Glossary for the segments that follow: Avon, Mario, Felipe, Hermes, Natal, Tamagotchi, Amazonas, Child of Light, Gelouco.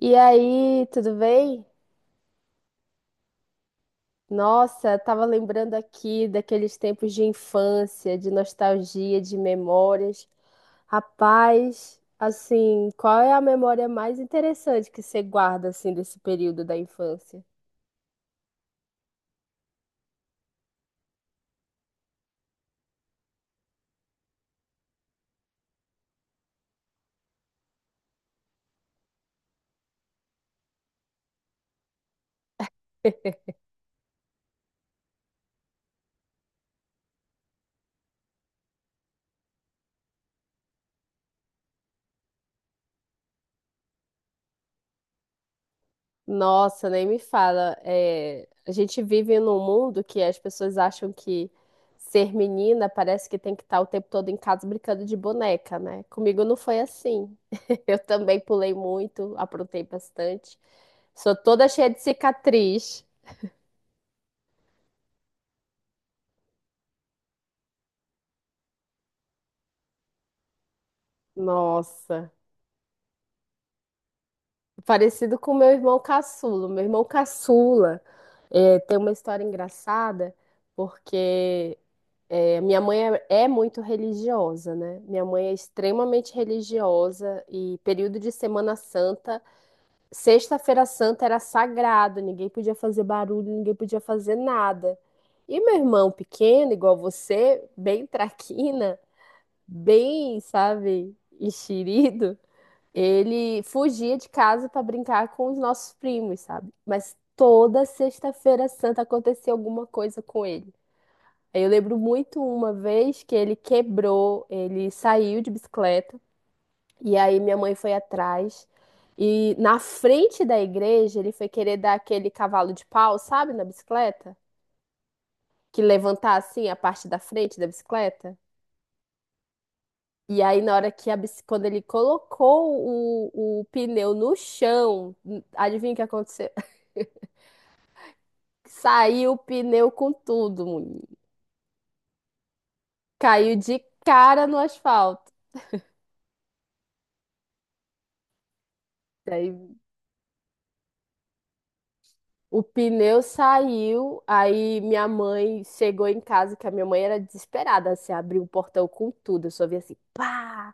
E aí, tudo bem? Nossa, tava lembrando aqui daqueles tempos de infância, de nostalgia, de memórias. Rapaz, assim, qual é a memória mais interessante que você guarda assim desse período da infância? Nossa, nem me fala. É, a gente vive num mundo que as pessoas acham que ser menina parece que tem que estar o tempo todo em casa brincando de boneca, né? Comigo não foi assim. Eu também pulei muito, aprontei bastante. Sou toda cheia de cicatriz. Nossa. Parecido com meu irmão caçula. Meu irmão caçula tem uma história engraçada, porque é, minha mãe é muito religiosa, né? Minha mãe é extremamente religiosa e período de Semana Santa, Sexta-feira Santa era sagrado, ninguém podia fazer barulho, ninguém podia fazer nada. E meu irmão pequeno, igual você, bem traquina, bem, sabe, enxerido. Ele fugia de casa para brincar com os nossos primos, sabe? Mas toda sexta-feira santa acontecia alguma coisa com ele. Aí eu lembro muito uma vez que ele quebrou, ele saiu de bicicleta e aí minha mãe foi atrás e na frente da igreja ele foi querer dar aquele cavalo de pau, sabe, na bicicleta, que levantar assim a parte da frente da bicicleta. E aí, na hora que a quando ele colocou o pneu no chão, adivinha o que aconteceu? Saiu o pneu com tudo, menino. Caiu de cara no asfalto. Daí o pneu saiu, aí minha mãe chegou em casa, que a minha mãe era desesperada, assim, abriu o portão com tudo. Eu só vi assim, pá,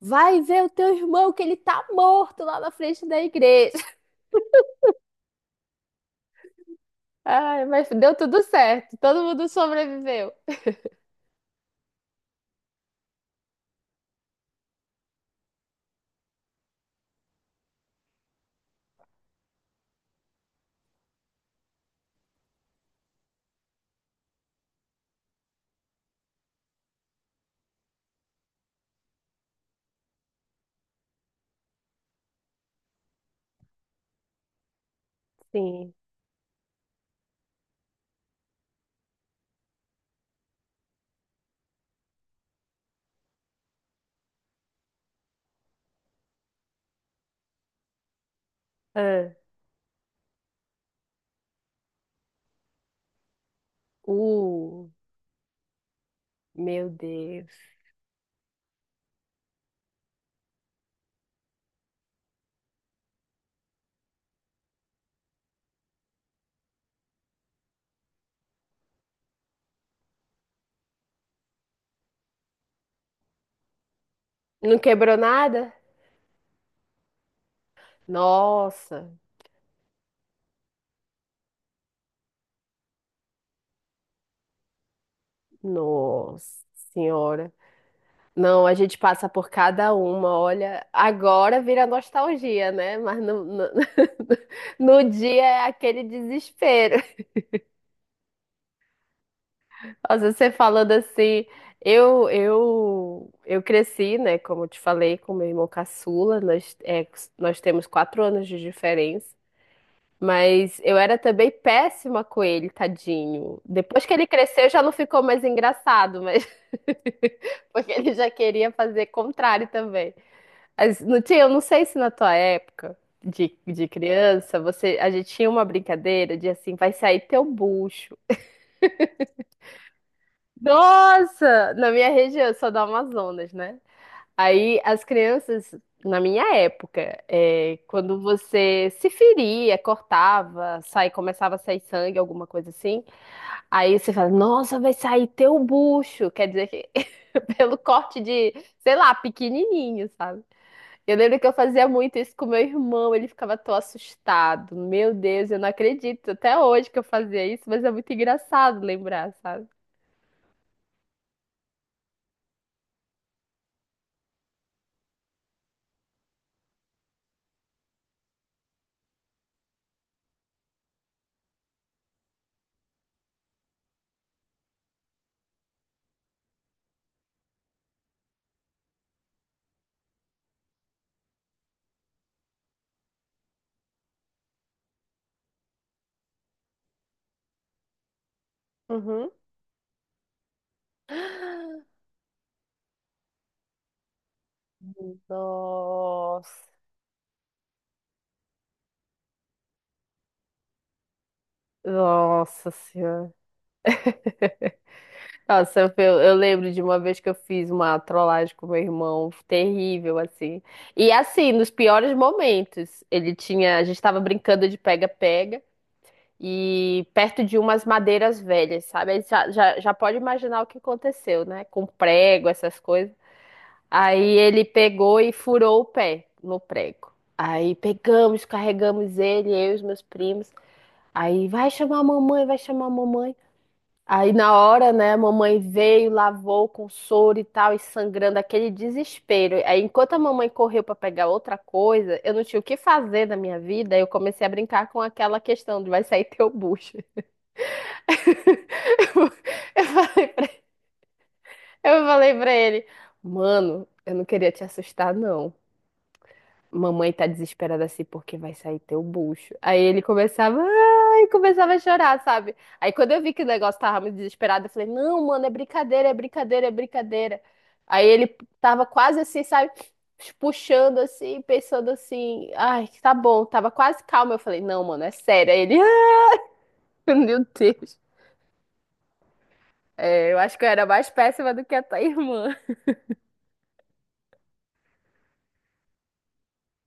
vai ver o teu irmão que ele tá morto lá na frente da igreja. Ai, mas deu tudo certo, todo mundo sobreviveu. Sim. Uh, meu Deus. Não quebrou nada? Nossa, nossa senhora. Não, a gente passa por cada uma. Olha, agora vira nostalgia, né? Mas no dia é aquele desespero. Nossa, você falando assim, eu cresci, né? Como eu te falei, com meu irmão caçula. Nós, é, nós temos quatro anos de diferença. Mas eu era também péssima com ele, tadinho. Depois que ele cresceu, já não ficou mais engraçado, mas porque ele já queria fazer contrário também. Mas não tinha, eu não sei se na tua época de criança, você, a gente tinha uma brincadeira de assim, vai sair teu bucho. Nossa, na minha região, eu sou do Amazonas, né? Aí as crianças, na minha época, é, quando você se feria, cortava, sai, começava a sair sangue, alguma coisa assim, aí você fala, nossa, vai sair teu bucho. Quer dizer que pelo corte de, sei lá, pequenininho, sabe? Eu lembro que eu fazia muito isso com meu irmão, ele ficava tão assustado. Meu Deus, eu não acredito até hoje que eu fazia isso, mas é muito engraçado lembrar, sabe? Uhum. Nossa, nossa senhora. Nossa, eu eu lembro de uma vez que eu fiz uma trollagem com meu irmão, terrível, assim. E assim, nos piores momentos, ele tinha, a gente tava brincando de pega-pega e perto de umas madeiras velhas, sabe? Aí já pode imaginar o que aconteceu, né? Com prego, essas coisas. Aí ele pegou e furou o pé no prego. Aí pegamos, carregamos ele, eu e os meus primos. Aí vai chamar a mamãe, vai chamar a mamãe. Aí na hora, né, a mamãe veio, lavou com soro e tal, e sangrando, aquele desespero. Aí enquanto a mamãe correu para pegar outra coisa, eu não tinha o que fazer na minha vida, eu comecei a brincar com aquela questão de vai sair teu bucho. Eu falei pra, eu falei pra ele, mano, eu não queria te assustar, não. Mamãe tá desesperada assim porque vai sair teu bucho. Aí ele começava, ai, começava a chorar, sabe? Aí quando eu vi que o negócio tava muito desesperado, eu falei, não, mano, é brincadeira, é brincadeira, é brincadeira. Aí ele tava quase assim, sabe? Puxando assim, pensando assim, ai, tá bom, tava quase calmo. Eu falei, não, mano, é sério. Aí ele, ai, meu Deus. É, eu acho que eu era mais péssima do que a tua irmã.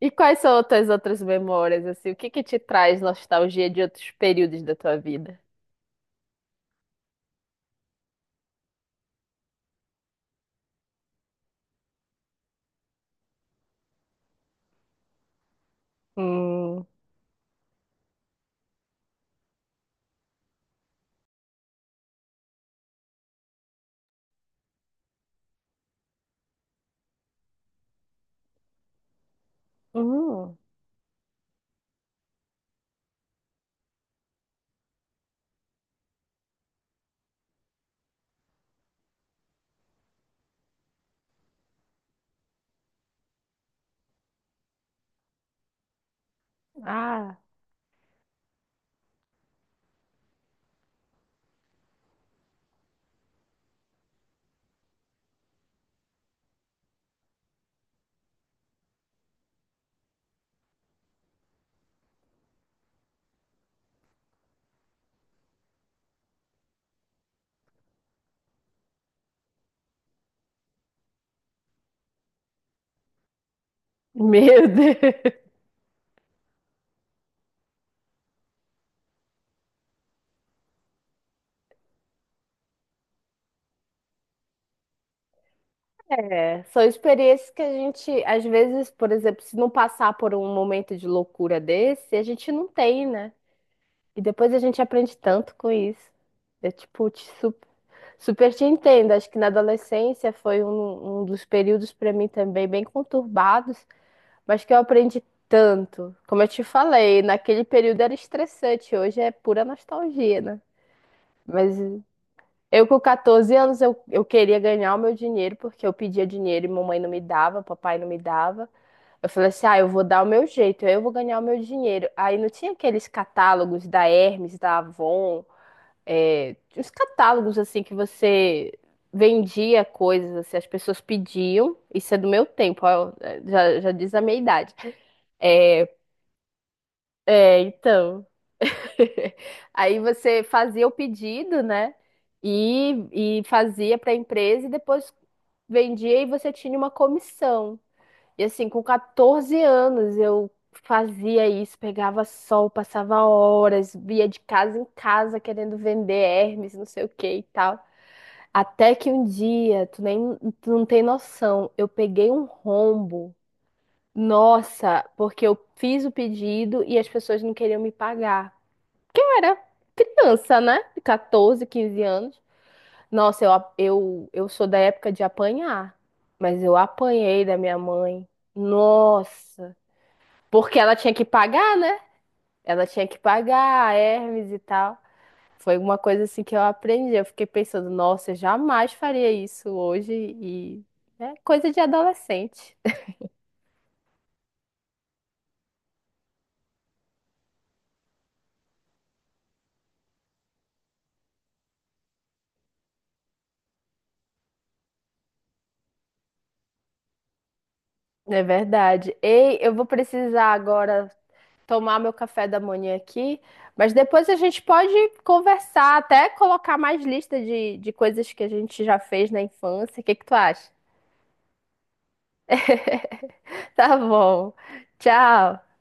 E quais são as tuas outras memórias, assim? O que que te traz nostalgia de outros períodos da tua vida? Hum. Hum, ah, meu Deus. É, são experiências que a gente, às vezes, por exemplo, se não passar por um momento de loucura desse, a gente não tem, né? E depois a gente aprende tanto com isso. É tipo, super, te entendo. Acho que na adolescência foi um dos períodos para mim também bem conturbados, mas que eu aprendi tanto. Como eu te falei, naquele período era estressante, hoje é pura nostalgia, né? Mas eu com 14 anos eu queria ganhar o meu dinheiro porque eu pedia dinheiro e mamãe não me dava, papai não me dava. Eu falei assim: "Ah, eu vou dar o meu jeito, eu vou ganhar o meu dinheiro". Aí não tinha aqueles catálogos da Hermes, da Avon, é, os catálogos assim que você vendia coisas, assim, as pessoas pediam, isso é do meu tempo, ó, é, já diz a minha idade. É, é, então, aí você fazia o pedido, né? E fazia para a empresa e depois vendia e você tinha uma comissão. E assim, com 14 anos eu fazia isso, pegava sol, passava horas, via de casa em casa querendo vender Hermes, não sei o que e tal. Até que um dia, tu não tem noção, eu peguei um rombo. Nossa, porque eu fiz o pedido e as pessoas não queriam me pagar. Era criança, né? De 14, 15 anos. Nossa, eu sou da época de apanhar. Mas eu apanhei da minha mãe. Nossa. Porque ela tinha que pagar, né? Ela tinha que pagar a Hermes e tal. Foi uma coisa assim que eu aprendi. Eu fiquei pensando, nossa, eu jamais faria isso hoje. E é coisa de adolescente. É verdade. Ei, eu vou precisar agora tomar meu café da manhã aqui, mas depois a gente pode conversar, até colocar mais lista de coisas que a gente já fez na infância. O que que tu acha? Tá bom. Tchau.